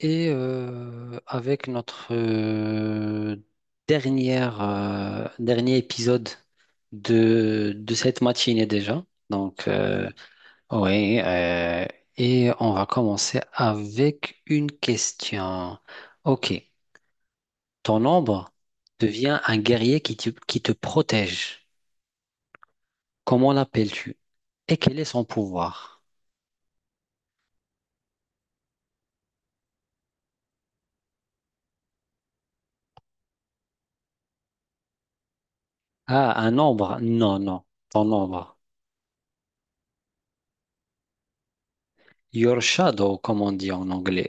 Avec notre dernier épisode de cette matinée déjà. Donc, euh, oui, et on va commencer avec une question. Ok, ton ombre devient un guerrier qui te protège. Comment l'appelles-tu? Et quel est son pouvoir? Ah, un ombre? Non, non, ton ombre. Your shadow, comme on dit en anglais.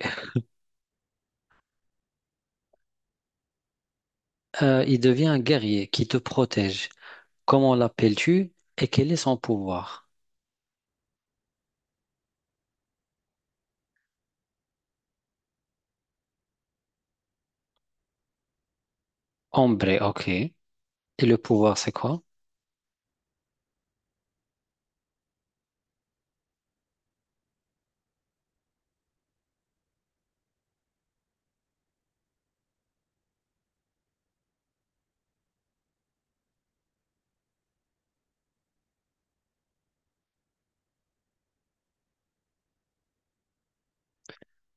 Il devient un guerrier qui te protège. Comment l'appelles-tu et quel est son pouvoir? Ombre, ok. Et le pouvoir, c'est quoi?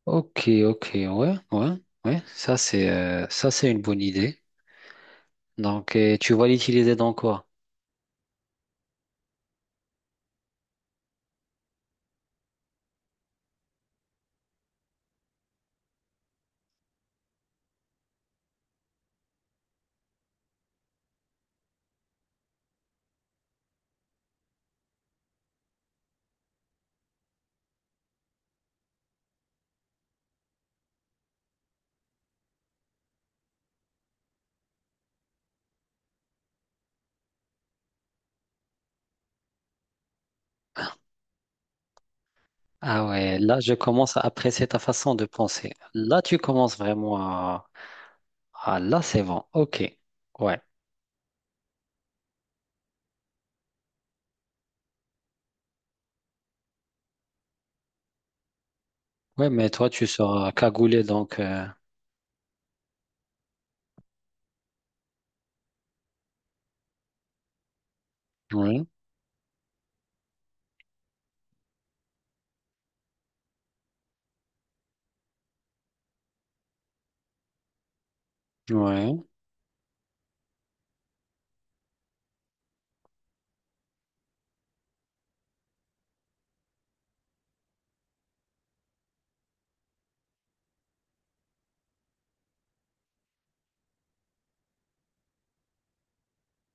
Ok, ok, ouais, ouais, ouais. Ça, c'est une bonne idée. Tu vas l'utiliser dans quoi? Ah ouais, là, je commence à apprécier ta façon de penser. Là, tu commences vraiment à... Ah, là, c'est bon. Ok, ouais. Ouais, mais toi, tu seras cagoulé, donc... Ouais, ouais.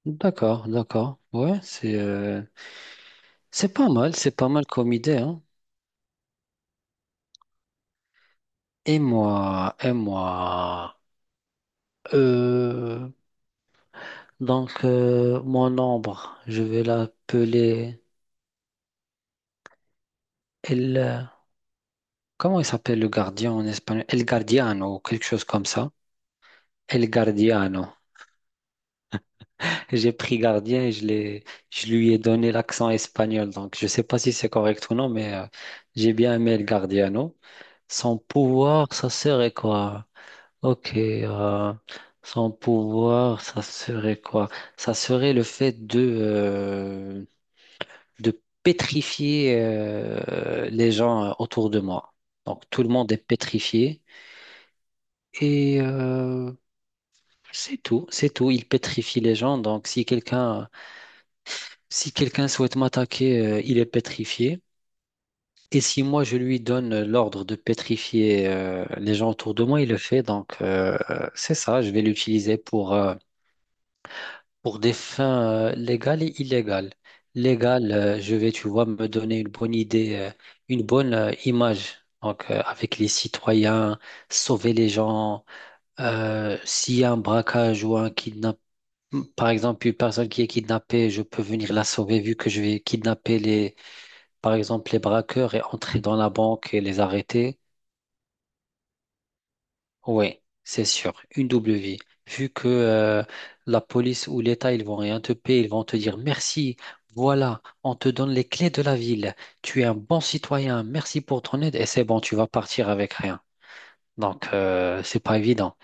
D'accord, d'accord. C'est pas mal comme idée, hein. Et moi, euh, mon ombre, je vais l'appeler El. Comment il s'appelle le gardien en espagnol? El Guardiano ou quelque chose comme ça. El Guardiano. J'ai pris gardien et je l'ai, Je lui ai donné l'accent espagnol. Donc je sais pas si c'est correct ou non, j'ai bien aimé El Guardiano. Son pouvoir, ça serait quoi? Ok, euh, Son pouvoir, ça serait quoi? Ça serait le fait de pétrifier les gens autour de moi. Donc tout le monde est pétrifié et euh, c'est tout, c'est tout. Il pétrifie les gens. Donc si quelqu'un souhaite m'attaquer, il est pétrifié. Et si moi je lui donne l'ordre de pétrifier les gens autour de moi, il le fait. C'est ça, je vais l'utiliser pour des fins légales et illégales. Légales, je vais, tu vois, me donner une bonne image. Avec les citoyens, sauver les gens. S'il y a un braquage ou un kidnapping, par exemple, une personne qui est kidnappée, je peux venir la sauver vu que je vais kidnapper les, par exemple, les braqueurs et entrer dans la banque et les arrêter. Oui, c'est sûr, une double vie. Vu que la police ou l'État, ils vont rien te payer, ils vont te dire merci, voilà, on te donne les clés de la ville, tu es un bon citoyen, merci pour ton aide, et c'est bon, tu vas partir avec rien. Donc, c'est pas évident.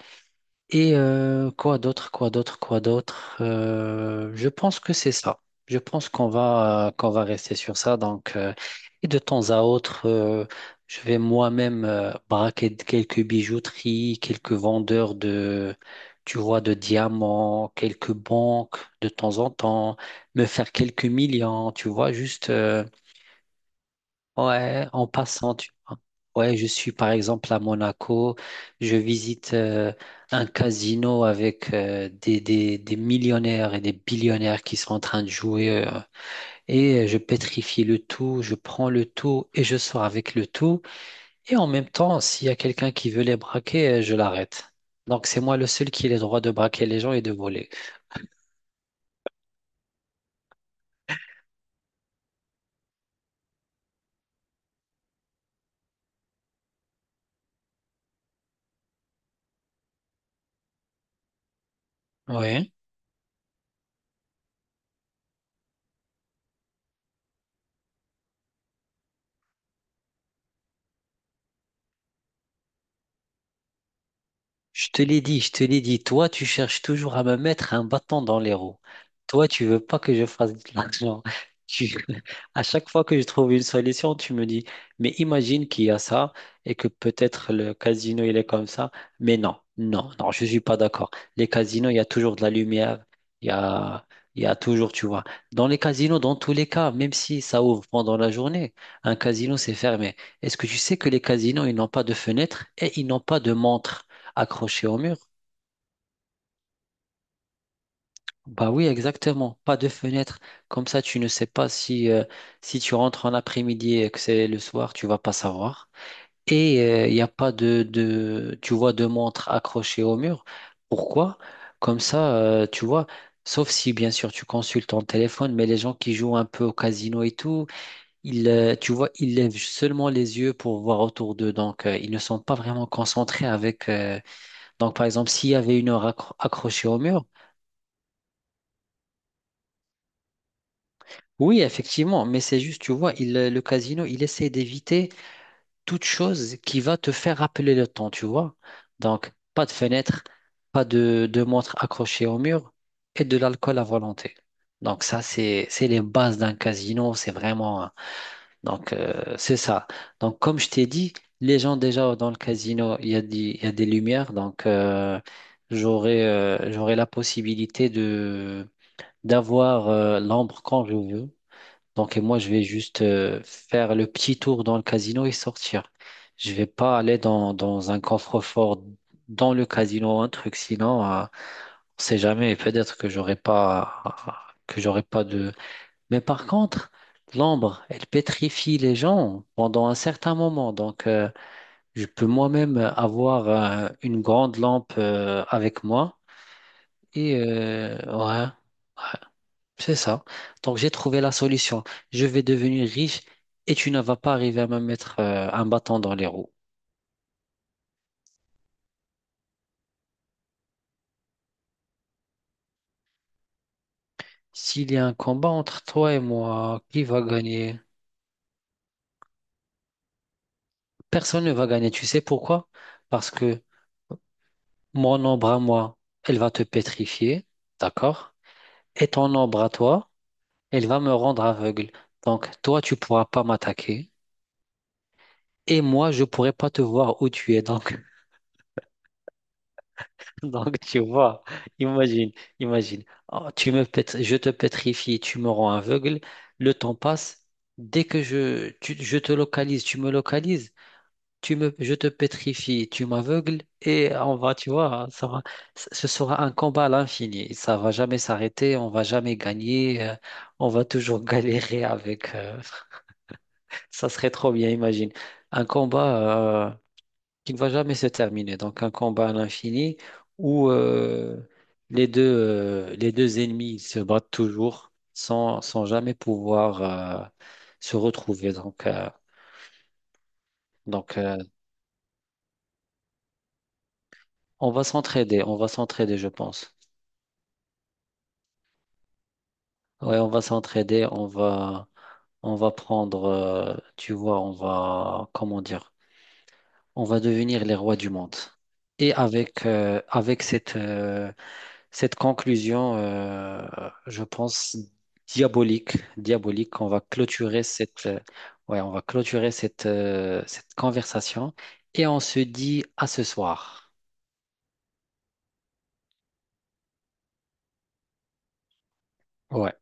Et quoi d'autre, quoi d'autre, quoi d'autre? Je pense que c'est ça. Je pense qu'on va rester sur ça. Donc, et de temps à autre, je vais moi-même quelques bijouteries, quelques vendeurs de, tu vois, de diamants, quelques banques de temps en temps, me faire quelques millions, tu vois, juste. Ouais, en passant, tu vois. Ouais, je suis par exemple à Monaco, je visite un casino avec des millionnaires et des billionnaires qui sont en train de jouer et je pétrifie le tout, je prends le tout et je sors avec le tout. Et en même temps, s'il y a quelqu'un qui veut les braquer, je l'arrête. Donc c'est moi le seul qui a le droit de braquer les gens et de voler. Ouais. Je te l'ai dit, je te l'ai dit, toi, tu cherches toujours à me mettre un bâton dans les roues. Toi, tu veux pas que je fasse de l'argent. Tu... À chaque fois que je trouve une solution, tu me dis, mais imagine qu'il y a ça et que peut-être le casino, il est comme ça. Mais non, non, non, je suis pas d'accord. Les casinos, il y a toujours de la lumière. Il y a, il y a toujours, tu vois. Dans les casinos, dans tous les cas, même si ça ouvre pendant la journée, un casino, c'est fermé. Est-ce que tu sais que les casinos, ils n'ont pas de fenêtre et ils n'ont pas de montre accroché au mur? Bah oui, exactement. Pas de fenêtre. Comme ça, tu ne sais pas si si tu rentres en après-midi et que c'est le soir, tu vas pas savoir. Et il n'y a pas tu vois, de montre accrochée au mur. Pourquoi? Comme ça, tu vois, sauf si, bien sûr, tu consultes ton téléphone, mais les gens qui jouent un peu au casino et tout, ils, tu vois, ils lèvent seulement les yeux pour voir autour d'eux. Donc, ils ne sont pas vraiment concentrés avec... Donc, par exemple, s'il y avait une heure accrochée au mur, oui, effectivement, mais c'est juste, tu vois, le casino, il essaie d'éviter toute chose qui va te faire rappeler le temps, tu vois. Donc, pas de fenêtre, pas de montre accrochée au mur et de l'alcool à volonté. Donc, ça, c'est les bases d'un casino, c'est vraiment. Hein. Donc, c'est ça. Donc, comme je t'ai dit, les gens déjà dans le casino, il y a des lumières, donc j'aurai j'aurai la possibilité de d'avoir l'ombre quand je veux. Donc, et moi, je vais juste faire le petit tour dans le casino et sortir. Je vais pas aller dans un coffre-fort dans le casino ou un truc, sinon, on sait jamais. Peut-être que j'aurai pas de. Mais par contre, l'ambre, elle pétrifie les gens pendant un certain moment. Donc, je peux moi-même avoir une grande lampe avec moi et ouais. ouais. C'est ça. Donc j'ai trouvé la solution. Je vais devenir riche et tu ne vas pas arriver à me mettre un bâton dans les roues. S'il y a un combat entre toi et moi, qui va gagner? Personne ne va gagner. Tu sais pourquoi? Parce que mon ombre à moi, elle va te pétrifier, d'accord? Et ton ombre à toi, elle va me rendre aveugle. Donc toi, tu pourras pas m'attaquer. Et moi, je pourrai pas te voir où tu es. Donc donc, tu vois, imagine, imagine. Oh, je te pétrifie, tu me rends aveugle, le temps passe. Dès que je te localise, tu me localises, je te pétrifie, tu m'aveugles, et on va, tu vois, ça va, ce sera un combat à l'infini. Ça va jamais s'arrêter, on va jamais gagner, on va toujours galérer avec. Ça serait trop bien, imagine. Un combat. Qui ne va jamais se terminer. Donc un combat à l'infini où les deux ennemis se battent toujours sans jamais pouvoir euh, se retrouver. Donc, on va s'entraider, je pense. Ouais, on va s'entraider, on va prendre, tu vois, on va, comment dire, on va devenir les rois du monde. Et avec cette, cette conclusion, je pense, diabolique, diabolique, on va clôturer cette, ouais, on va clôturer cette, cette conversation et on se dit à ce soir. Ouais.